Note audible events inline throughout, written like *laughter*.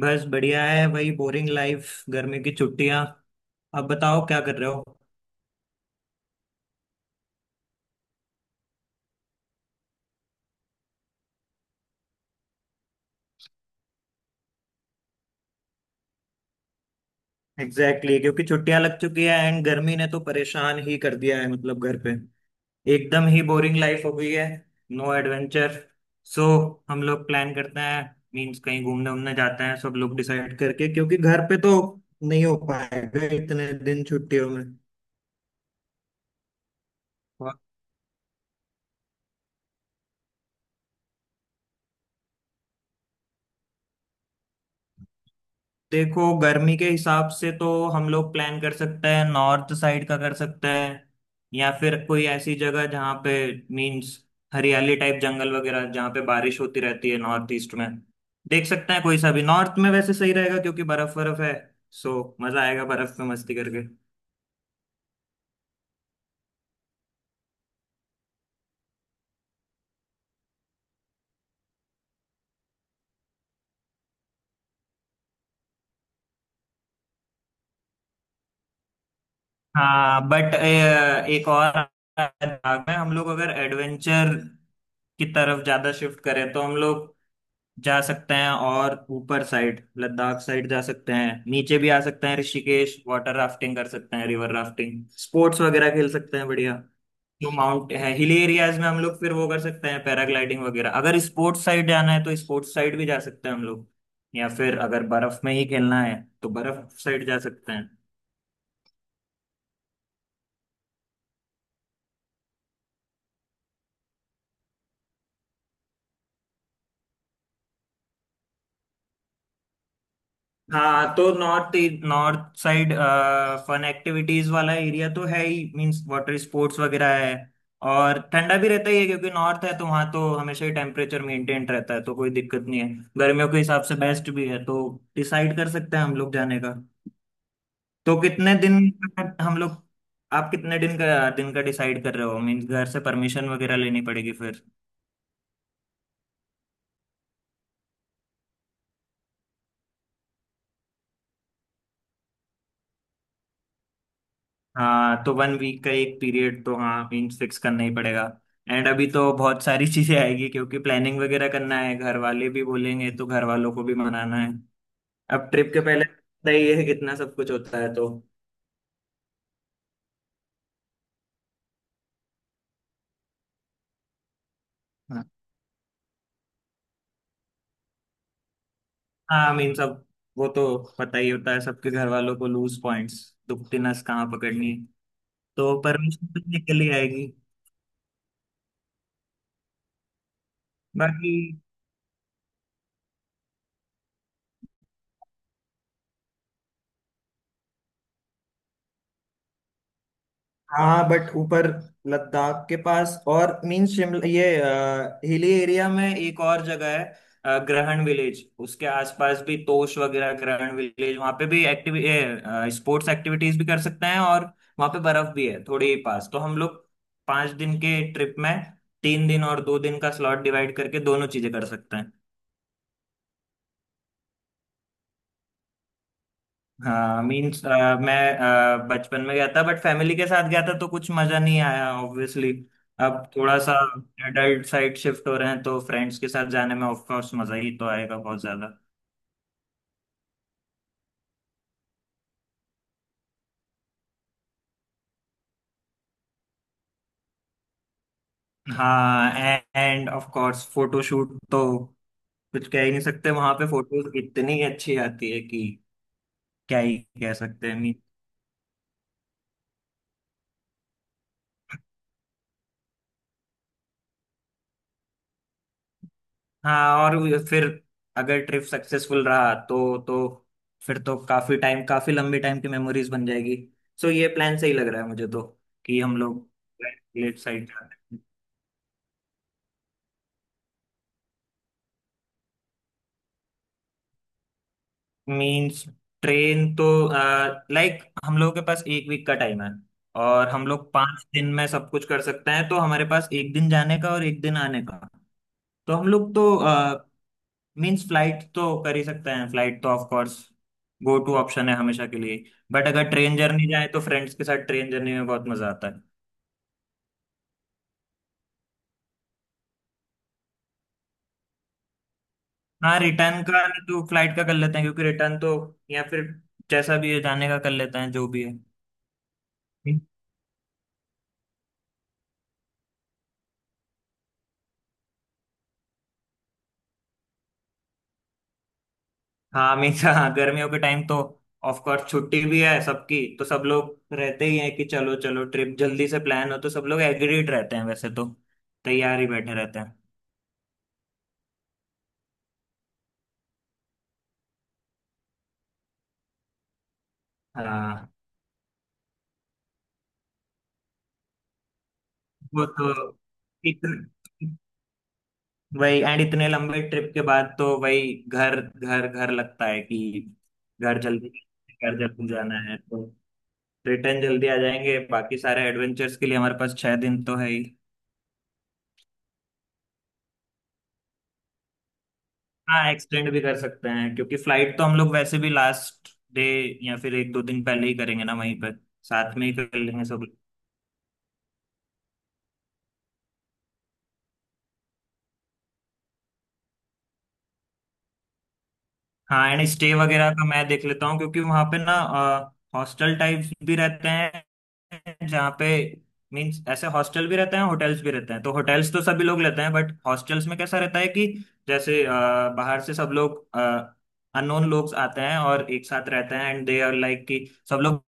बस बढ़िया है, वही बोरिंग लाइफ, गर्मी की छुट्टियां। अब बताओ क्या कर रहे हो। एग्जैक्टली, क्योंकि छुट्टियां लग चुकी है एंड गर्मी ने तो परेशान ही कर दिया है, मतलब घर पे एकदम ही बोरिंग लाइफ हो गई है। No adventure. सो हम लोग प्लान करते हैं। मीन्स कहीं घूमने उमने जाते हैं, सब लोग डिसाइड करके, क्योंकि घर पे तो नहीं हो पाएगा इतने दिन छुट्टियों में। देखो, गर्मी के हिसाब से तो हम लोग प्लान कर सकते हैं, नॉर्थ साइड का कर सकते हैं, या फिर कोई ऐसी जगह जहाँ पे मीन्स हरियाली टाइप जंगल वगैरह, जहाँ पे बारिश होती रहती है, नॉर्थ ईस्ट में देख सकते हैं। कोई सा भी नॉर्थ में वैसे सही रहेगा क्योंकि बर्फ बर्फ है। सो मजा आएगा बर्फ में मस्ती करके। हाँ, बट एक और भाग में हम लोग अगर एडवेंचर की तरफ ज्यादा शिफ्ट करें तो हम लोग जा सकते हैं, और ऊपर साइड लद्दाख साइड जा सकते हैं, नीचे भी आ सकते हैं, ऋषिकेश वाटर राफ्टिंग कर सकते हैं, रिवर राफ्टिंग स्पोर्ट्स वगैरह खेल सकते हैं, बढ़िया। जो माउंट है हिली एरियाज में, हम लोग फिर वो कर सकते हैं, पैराग्लाइडिंग वगैरह। अगर स्पोर्ट्स साइड जाना है तो स्पोर्ट्स साइड भी जा सकते हैं हम लोग, या फिर अगर बर्फ में ही खेलना है तो बर्फ साइड जा सकते हैं। हाँ तो north north side fun activities वाला एरिया तो है ही, मींस वाटर स्पोर्ट्स वगैरह है। और ठंडा भी रहता ही है क्योंकि नॉर्थ है, तो वहाँ तो हमेशा ही टेम्परेचर मेंटेन रहता है, तो कोई दिक्कत नहीं है। गर्मियों के हिसाब से बेस्ट भी है, तो डिसाइड कर सकते हैं हम लोग जाने का। तो कितने दिन का हम लोग, आप कितने दिन का डिसाइड कर रहे हो? मीन्स घर से परमिशन वगैरह लेनी पड़ेगी फिर। हाँ तो 1 वीक का एक पीरियड तो हाँ मीन्स फिक्स करना ही पड़ेगा। एंड अभी तो बहुत सारी चीजें आएगी क्योंकि प्लानिंग वगैरह करना है, घर वाले भी बोलेंगे, तो घर वालों को भी मनाना है। अब ट्रिप के पहले पता ही है कितना सब कुछ होता है, तो हाँ। हाँ मीन्स अब वो तो पता ही होता है सबके घर वालों को, लूज पॉइंट्स, दुखती नस कहाँ पकड़नी, तो परमिशन तो निकल ही आएगी। बाकी हाँ, बट ऊपर लद्दाख के पास और मीन शिमला, ये हिली एरिया में एक और जगह है, ग्रहण विलेज, उसके आसपास भी तोश वगैरह, ग्रहण विलेज, वहाँ पे भी एक्टिविटी, स्पोर्ट्स एक्टिविटीज भी कर सकते हैं, और वहाँ पे बर्फ भी है थोड़े ही पास, तो हम लोग 5 दिन के ट्रिप में 3 दिन और 2 दिन का स्लॉट डिवाइड करके दोनों चीजें कर सकते हैं। हाँ मीन्स मैं बचपन में गया था, बट फैमिली के साथ गया था तो कुछ मजा नहीं आया ऑब्वियसली। अब थोड़ा सा एडल्ट साइड शिफ्ट हो रहे हैं तो फ्रेंड्स के साथ जाने में ऑफ कोर्स मजा ही तो आएगा बहुत ज्यादा। हाँ, एंड ऑफ कोर्स फोटोशूट तो कुछ कह ही नहीं सकते, वहां पे फोटोज इतनी अच्छी आती है कि क्या ही कह सकते हैं। हाँ, और फिर अगर ट्रिप सक्सेसफुल रहा तो फिर तो काफी टाइम, काफी लंबी टाइम की मेमोरीज बन जाएगी। सो ये प्लान सही लग रहा है मुझे तो, कि हम लोग लेट साइड जाते हैं। मीन्स ट्रेन तो, लाइक हम लोगों के पास 1 वीक का टाइम है और हम लोग पांच दिन में सब कुछ कर सकते हैं, तो हमारे पास 1 दिन जाने का और 1 दिन आने का, तो हम लोग तो मीन्स फ्लाइट तो कर ही सकते हैं। फ्लाइट तो of course go to option है हमेशा के लिए, बट अगर ट्रेन जर्नी जाए तो फ्रेंड्स के साथ ट्रेन जर्नी में बहुत मजा आता है। हाँ, रिटर्न का नहीं तो फ्लाइट का कर लेते हैं, क्योंकि रिटर्न तो, या फिर जैसा भी है जाने का कर लेते हैं, जो भी है। हाँ, हमेशा हाँ, गर्मियों के टाइम तो ऑफ कोर्स छुट्टी भी है सबकी, तो सब लोग रहते ही हैं कि चलो चलो ट्रिप जल्दी से प्लान हो, तो सब लोग एग्रीड रहते हैं वैसे तो, तैयार ही बैठे रहते हैं। हाँ वो तो, इतने, वही एंड इतने लंबे ट्रिप के बाद तो वही घर घर घर लगता है कि घर जल्दी, घर जल्दी जाना है, तो रिटर्न जल्दी आ जाएंगे। बाकी सारे एडवेंचर्स के लिए हमारे पास 6 दिन तो है ही। हाँ एक्सटेंड भी कर सकते हैं, क्योंकि फ्लाइट तो हम लोग वैसे भी लास्ट डे या फिर 1 2 दिन पहले ही करेंगे ना, वहीं पर साथ में ही कर लेंगे सब। हाँ एंड स्टे वगैरह का मैं देख लेता हूँ, क्योंकि वहां पे ना हॉस्टल टाइप्स भी रहते हैं, जहाँ पे मीन्स ऐसे हॉस्टल भी रहते हैं, होटल्स भी रहते हैं। तो होटल्स तो सभी लोग लेते हैं, बट हॉस्टल्स में कैसा रहता है कि जैसे बाहर से सब लोग, अननोन लोग आते हैं और एक साथ रहते हैं एंड दे आर लाइक कि सब लोग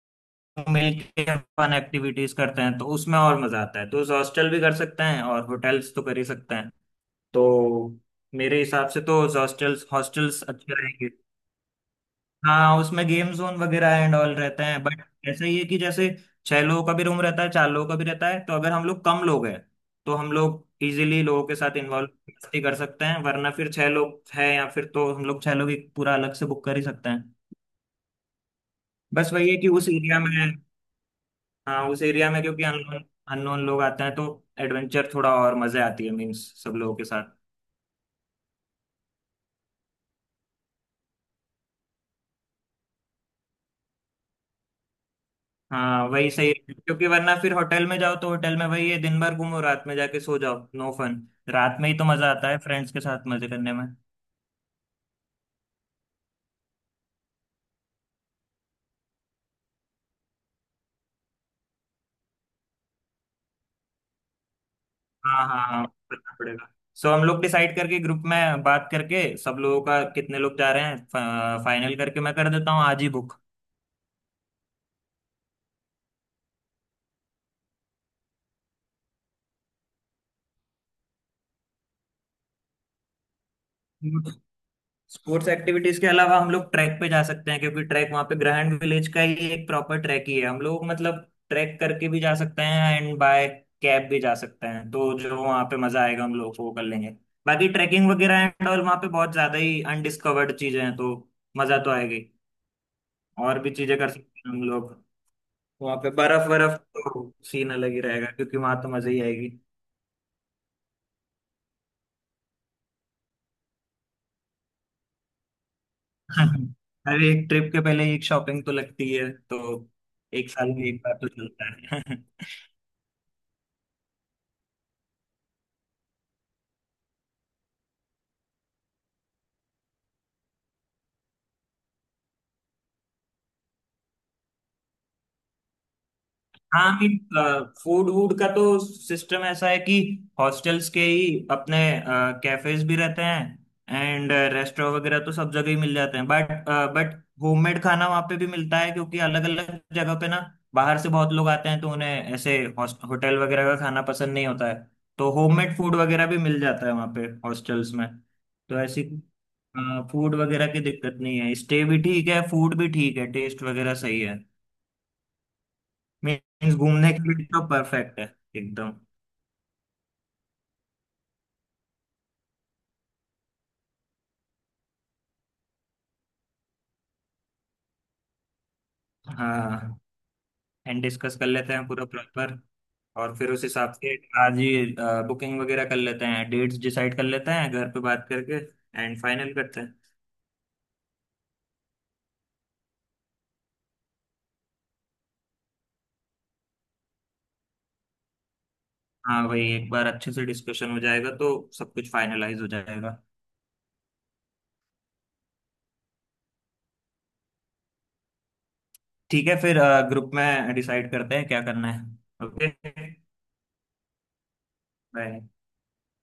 मिलके फन एक्टिविटीज करते हैं, तो उसमें और मजा आता है। तो हॉस्टल भी कर सकते हैं और होटल्स तो कर ही सकते हैं। तो मेरे हिसाब से तो हॉस्टल्स हॉस्टल्स अच्छे रहेंगे। हाँ उसमें गेम जोन वगैरह एंड ऑल रहते हैं, बट ऐसा ही है कि जैसे 6 लोगों का भी रूम रहता है, 4 लोगों का भी रहता है। तो अगर हम लोग कम लोग हैं तो हम लोग इजीली लोगों के साथ इन्वॉल्व मस्ती कर सकते हैं, वरना फिर 6 लोग है, या फिर तो हम लोग 6 लोग ही पूरा अलग से बुक कर ही सकते हैं। बस वही है कि उस एरिया में, हाँ उस एरिया में क्योंकि अननोन अननोन लोग आते हैं, तो एडवेंचर थोड़ा और मजे आती है, मीन्स सब लोगों के साथ। हाँ वही सही है, क्योंकि वरना फिर होटल में जाओ तो होटल में वही है, दिन भर घूमो, रात में जाके सो जाओ, नो फन। रात में ही तो मजा आता है फ्रेंड्स के साथ मजे करने में। हाँ, हाँ, हाँ, करना पड़ेगा। सो हम लोग डिसाइड करके, ग्रुप में बात करके, सब लोगों का कितने लोग जा रहे हैं फाइनल करके, मैं कर देता हूँ आज ही बुक। स्पोर्ट्स एक्टिविटीज के अलावा हम लोग ट्रैक पे जा सकते हैं, क्योंकि ट्रैक वहाँ पे ग्रैंड विलेज का ही एक प्रॉपर ट्रैक ही है। हम लोग मतलब ट्रैक करके भी जा सकते हैं एंड बाय कैब भी जा सकते हैं। तो जो वहाँ पे मजा आएगा हम लोग वो कर लेंगे। बाकी ट्रैकिंग वगैरह एंड और वहाँ पे बहुत ज्यादा ही अनडिस्कवर्ड चीजें हैं, तो मजा तो आएगी, और भी चीजें कर सकते हैं हम लोग। वहाँ पे बर्फ बर्फ तो सीन अलग ही रहेगा, क्योंकि वहां तो मजा ही आएगी। *laughs* हर एक ट्रिप के पहले एक शॉपिंग तो लगती है, तो 1 साल में 1 बार तो चलता है। *laughs* हाँ मीन फूड वूड का तो सिस्टम ऐसा है कि हॉस्टल्स के ही अपने कैफेज भी रहते हैं, एंड रेस्टोरेंट वगैरह तो सब जगह ही मिल जाते हैं, बट होममेड खाना वहाँ पे भी मिलता है, क्योंकि अलग अलग जगह पे ना बाहर से बहुत लोग आते हैं, तो उन्हें ऐसे होटल वगैरह का खाना पसंद नहीं होता है, तो होममेड फूड वगैरह भी मिल जाता है वहाँ पे हॉस्टल्स में। तो ऐसी फूड वगैरह की दिक्कत नहीं है, स्टे भी ठीक है, फूड भी ठीक है, टेस्ट वगैरह सही है, मीन्स घूमने के लिए तो परफेक्ट है एकदम। हाँ एंड डिस्कस कर लेते हैं पूरा प्रॉपर, और फिर उस हिसाब से आज ही बुकिंग वगैरह कर लेते हैं, डेट्स डिसाइड कर लेते हैं घर पे बात करके, एंड फाइनल करते हैं। हाँ वही, एक बार अच्छे से डिस्कशन हो जाएगा तो सब कुछ फाइनलाइज हो जाएगा। ठीक है फिर, ग्रुप में डिसाइड करते हैं क्या करना है। Okay, bye.